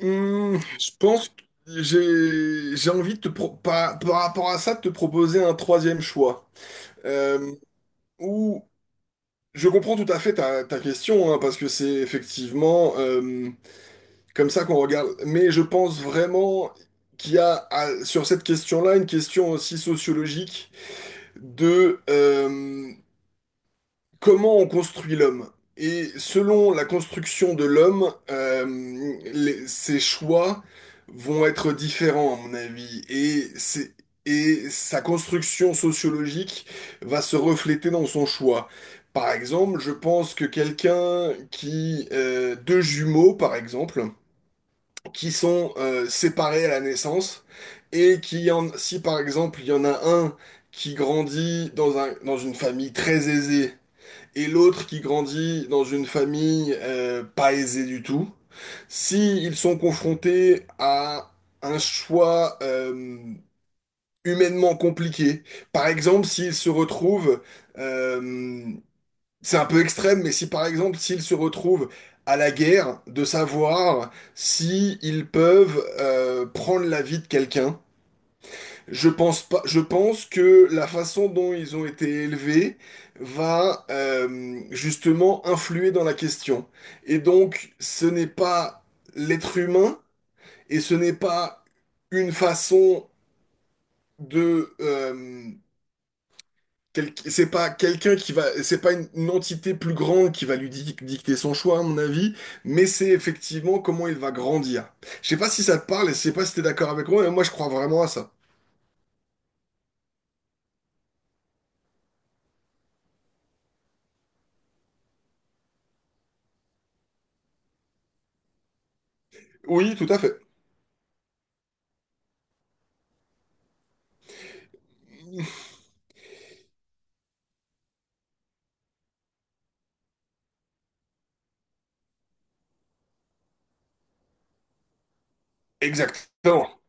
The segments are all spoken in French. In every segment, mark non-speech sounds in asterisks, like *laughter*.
Je pense que j'ai envie de par rapport à ça de te proposer un troisième choix. Euh, Où je comprends tout à fait ta question, hein, parce que c'est effectivement comme ça qu'on regarde, mais je pense vraiment qu'il y a sur cette question-là une question aussi sociologique de comment on construit l'homme? Et selon la construction de l'homme, ses choix vont être différents, à mon avis. Et sa construction sociologique va se refléter dans son choix. Par exemple, je pense que deux jumeaux, par exemple, qui sont séparés à la naissance, si par exemple, il y en a un qui grandit dans une famille très aisée, et l'autre qui grandit dans une famille pas aisée du tout, si ils sont confrontés à un choix humainement compliqué, par exemple euh, c'est un peu extrême, mais si par exemple s'ils se retrouvent à la guerre, de savoir si ils peuvent prendre la vie de quelqu'un. Je pense pas, je pense que la façon dont ils ont été élevés va justement influer dans la question. Et donc, ce n'est pas l'être humain et ce n'est pas une façon de c'est pas quelqu'un qui va, c'est pas une entité plus grande qui va lui dicter son choix, à mon avis, mais c'est effectivement comment il va grandir. Je sais pas si ça te parle et je sais pas si t'es d'accord avec moi, mais moi je crois vraiment à ça. Oui, tout à fait. Exactement.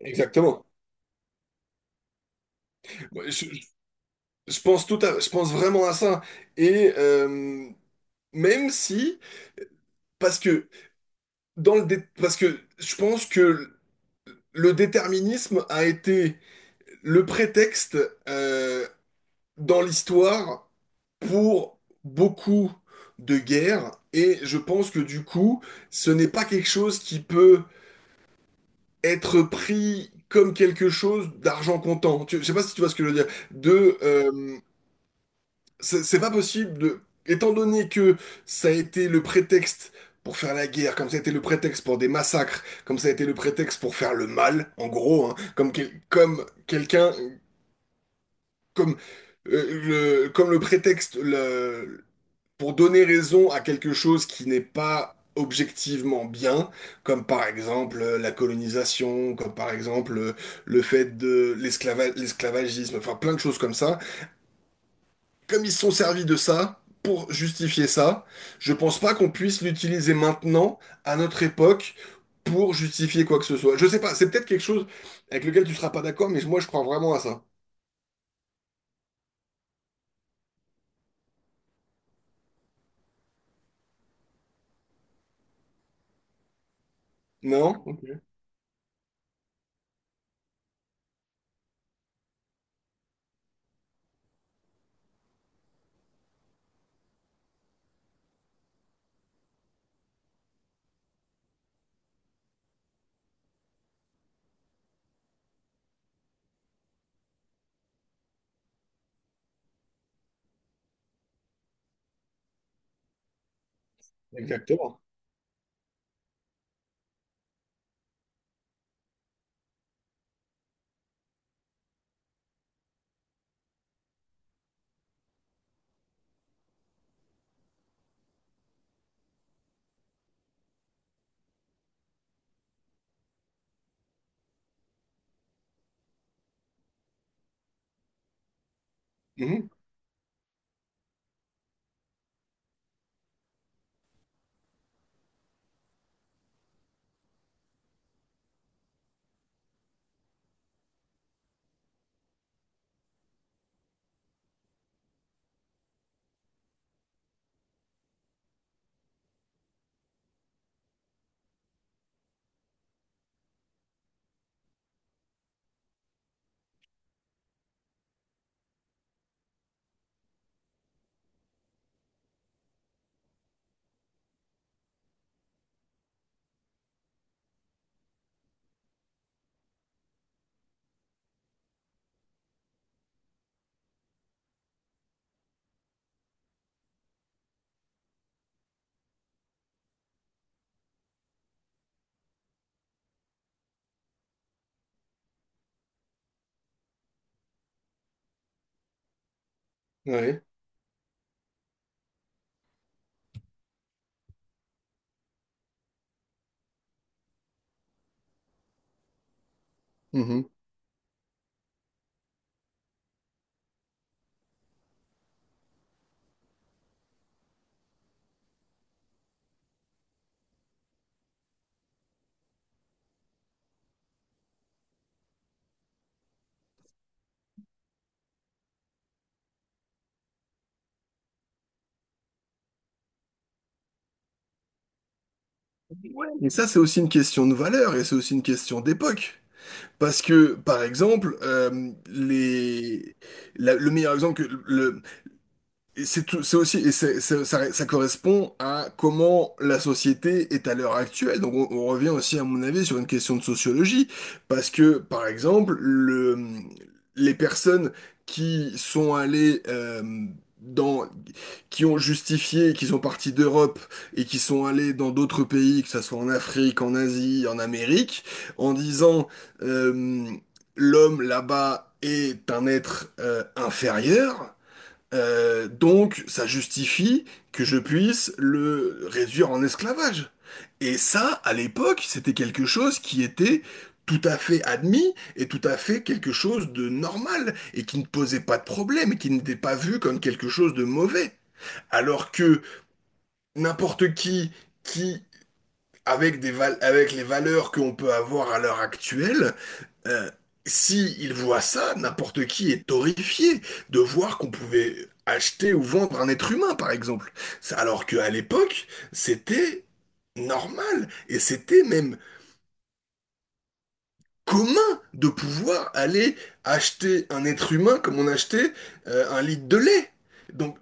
Exactement. Moi, je pense je pense vraiment à ça. Et même si, parce que parce que je pense que le déterminisme a été le prétexte, euh, dans l'histoire, pour beaucoup de guerres. Et je pense que du coup, ce n'est pas quelque chose qui peut être pris comme quelque chose d'argent comptant. Je sais pas si tu vois ce que je veux dire. C'est pas possible de... Étant donné que ça a été le prétexte pour faire la guerre, comme ça a été le prétexte pour des massacres, comme ça a été le prétexte pour faire le mal, en gros, hein, comme quelqu'un, comme, comme le prétexte pour donner raison à quelque chose qui n'est pas objectivement bien, comme par exemple la colonisation, comme par exemple le fait de l'esclavagisme, enfin plein de choses comme ça, comme ils se sont servis de ça pour justifier ça, je pense pas qu'on puisse l'utiliser maintenant, à notre époque, pour justifier quoi que ce soit. Je sais pas, c'est peut-être quelque chose avec lequel tu seras pas d'accord, mais moi je crois vraiment à ça. Non? Exactement. Mhm. Ouais. Mhm. Et ça, c'est aussi une question de valeur et c'est aussi une question d'époque. Parce que, par exemple, le meilleur exemple. Et c'est tout, c'est aussi, et c'est- ça correspond à comment la société est à l'heure actuelle. Donc, on revient aussi, à mon avis, sur une question de sociologie, parce que, par exemple, les personnes qui sont allées dans, qui ont justifié qu'ils sont partis d'Europe et qui sont allés dans d'autres pays, que ce soit en Afrique, en Asie, en Amérique, en disant euh, l'homme là-bas est un être inférieur. Donc, ça justifie que je puisse le réduire en esclavage. Et ça, à l'époque, c'était quelque chose qui était tout à fait admis et tout à fait quelque chose de normal et qui ne posait pas de problème et qui n'était pas vu comme quelque chose de mauvais. Alors que n'importe qui avec avec les valeurs qu'on peut avoir à l'heure actuelle, euh, si il voit ça, n'importe qui est horrifié de voir qu'on pouvait acheter ou vendre un être humain, par exemple. Alors qu'à l'époque, c'était normal et c'était même commun de pouvoir aller acheter un être humain comme on achetait un litre de lait. Donc,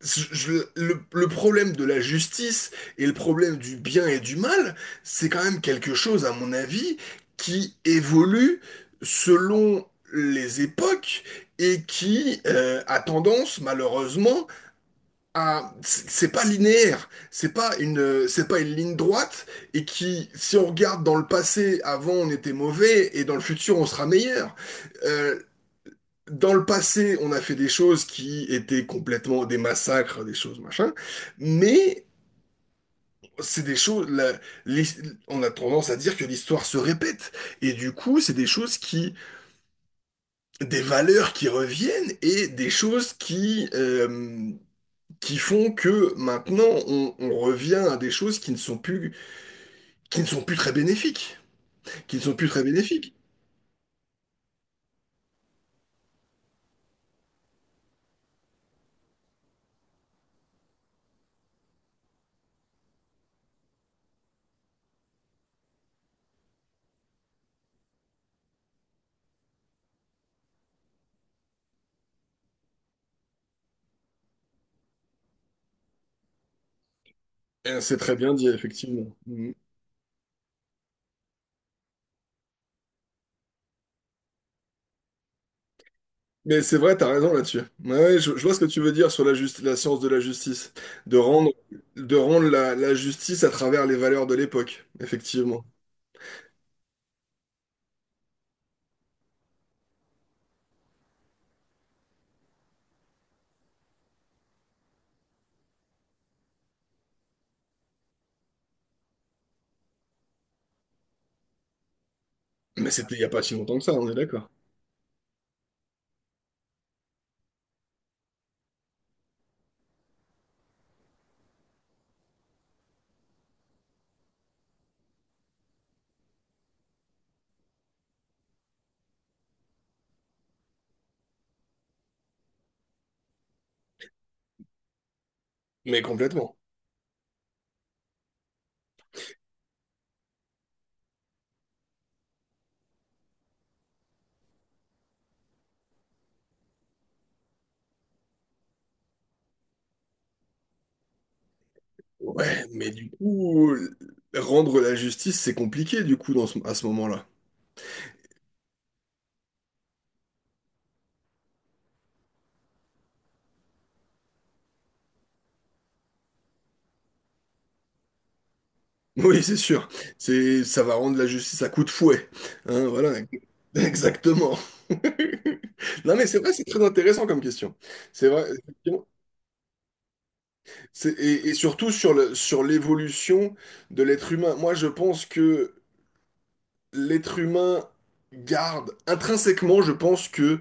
le problème de la justice et le problème du bien et du mal, c'est quand même quelque chose, à mon avis, qui évolue selon les époques et qui a tendance, malheureusement, c'est pas linéaire, c'est pas c'est pas une ligne droite, et qui, si on regarde dans le passé, avant on était mauvais et dans le futur on sera meilleur. Euh, Dans le passé, on a fait des choses qui étaient complètement des massacres, des choses machin, mais c'est des choses, l'his- on a tendance à dire que l'histoire se répète et du coup, c'est des choses, des valeurs qui reviennent et des choses qui qui font que maintenant on revient à des choses qui ne sont plus, qui ne sont plus très bénéfiques, qui ne sont plus très bénéfiques. C'est très bien dit, effectivement. Mhm. Mais c'est vrai, t'as raison là-dessus. Ouais, ouais, je vois ce que tu veux dire sur la science de la justice, de rendre, de rendre la justice à travers les valeurs de l'époque, effectivement. Mais c'était il n'y a pas si longtemps que ça, on est d'accord. Mais complètement. Ouais, mais du coup, rendre la justice, c'est compliqué du coup dans à ce moment-là. Oui, c'est sûr. C'est, ça va rendre la justice à coup de fouet. Hein, voilà. *laughs* Exactement. *laughs* Non, mais c'est vrai, c'est très intéressant comme question. C'est vrai, effectivement. Et surtout sur sur l'évolution de l'être humain. Moi, je pense que l'être humain garde, intrinsèquement, je pense que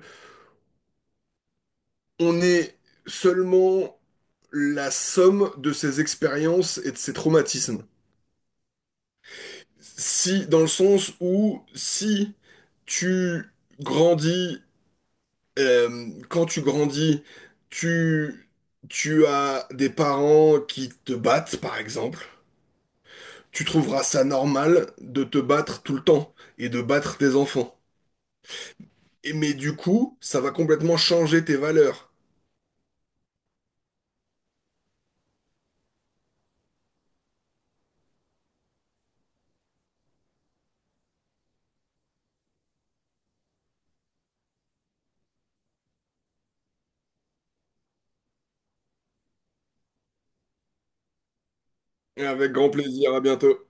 on est seulement la somme de ses expériences et de ses traumatismes. Si, dans le sens où, si tu grandis, quand tu grandis, tu, tu as des parents qui te battent, par exemple. Tu trouveras ça normal de te battre tout le temps et de battre tes enfants. Et, mais du coup, ça va complètement changer tes valeurs. Avec grand plaisir, à bientôt.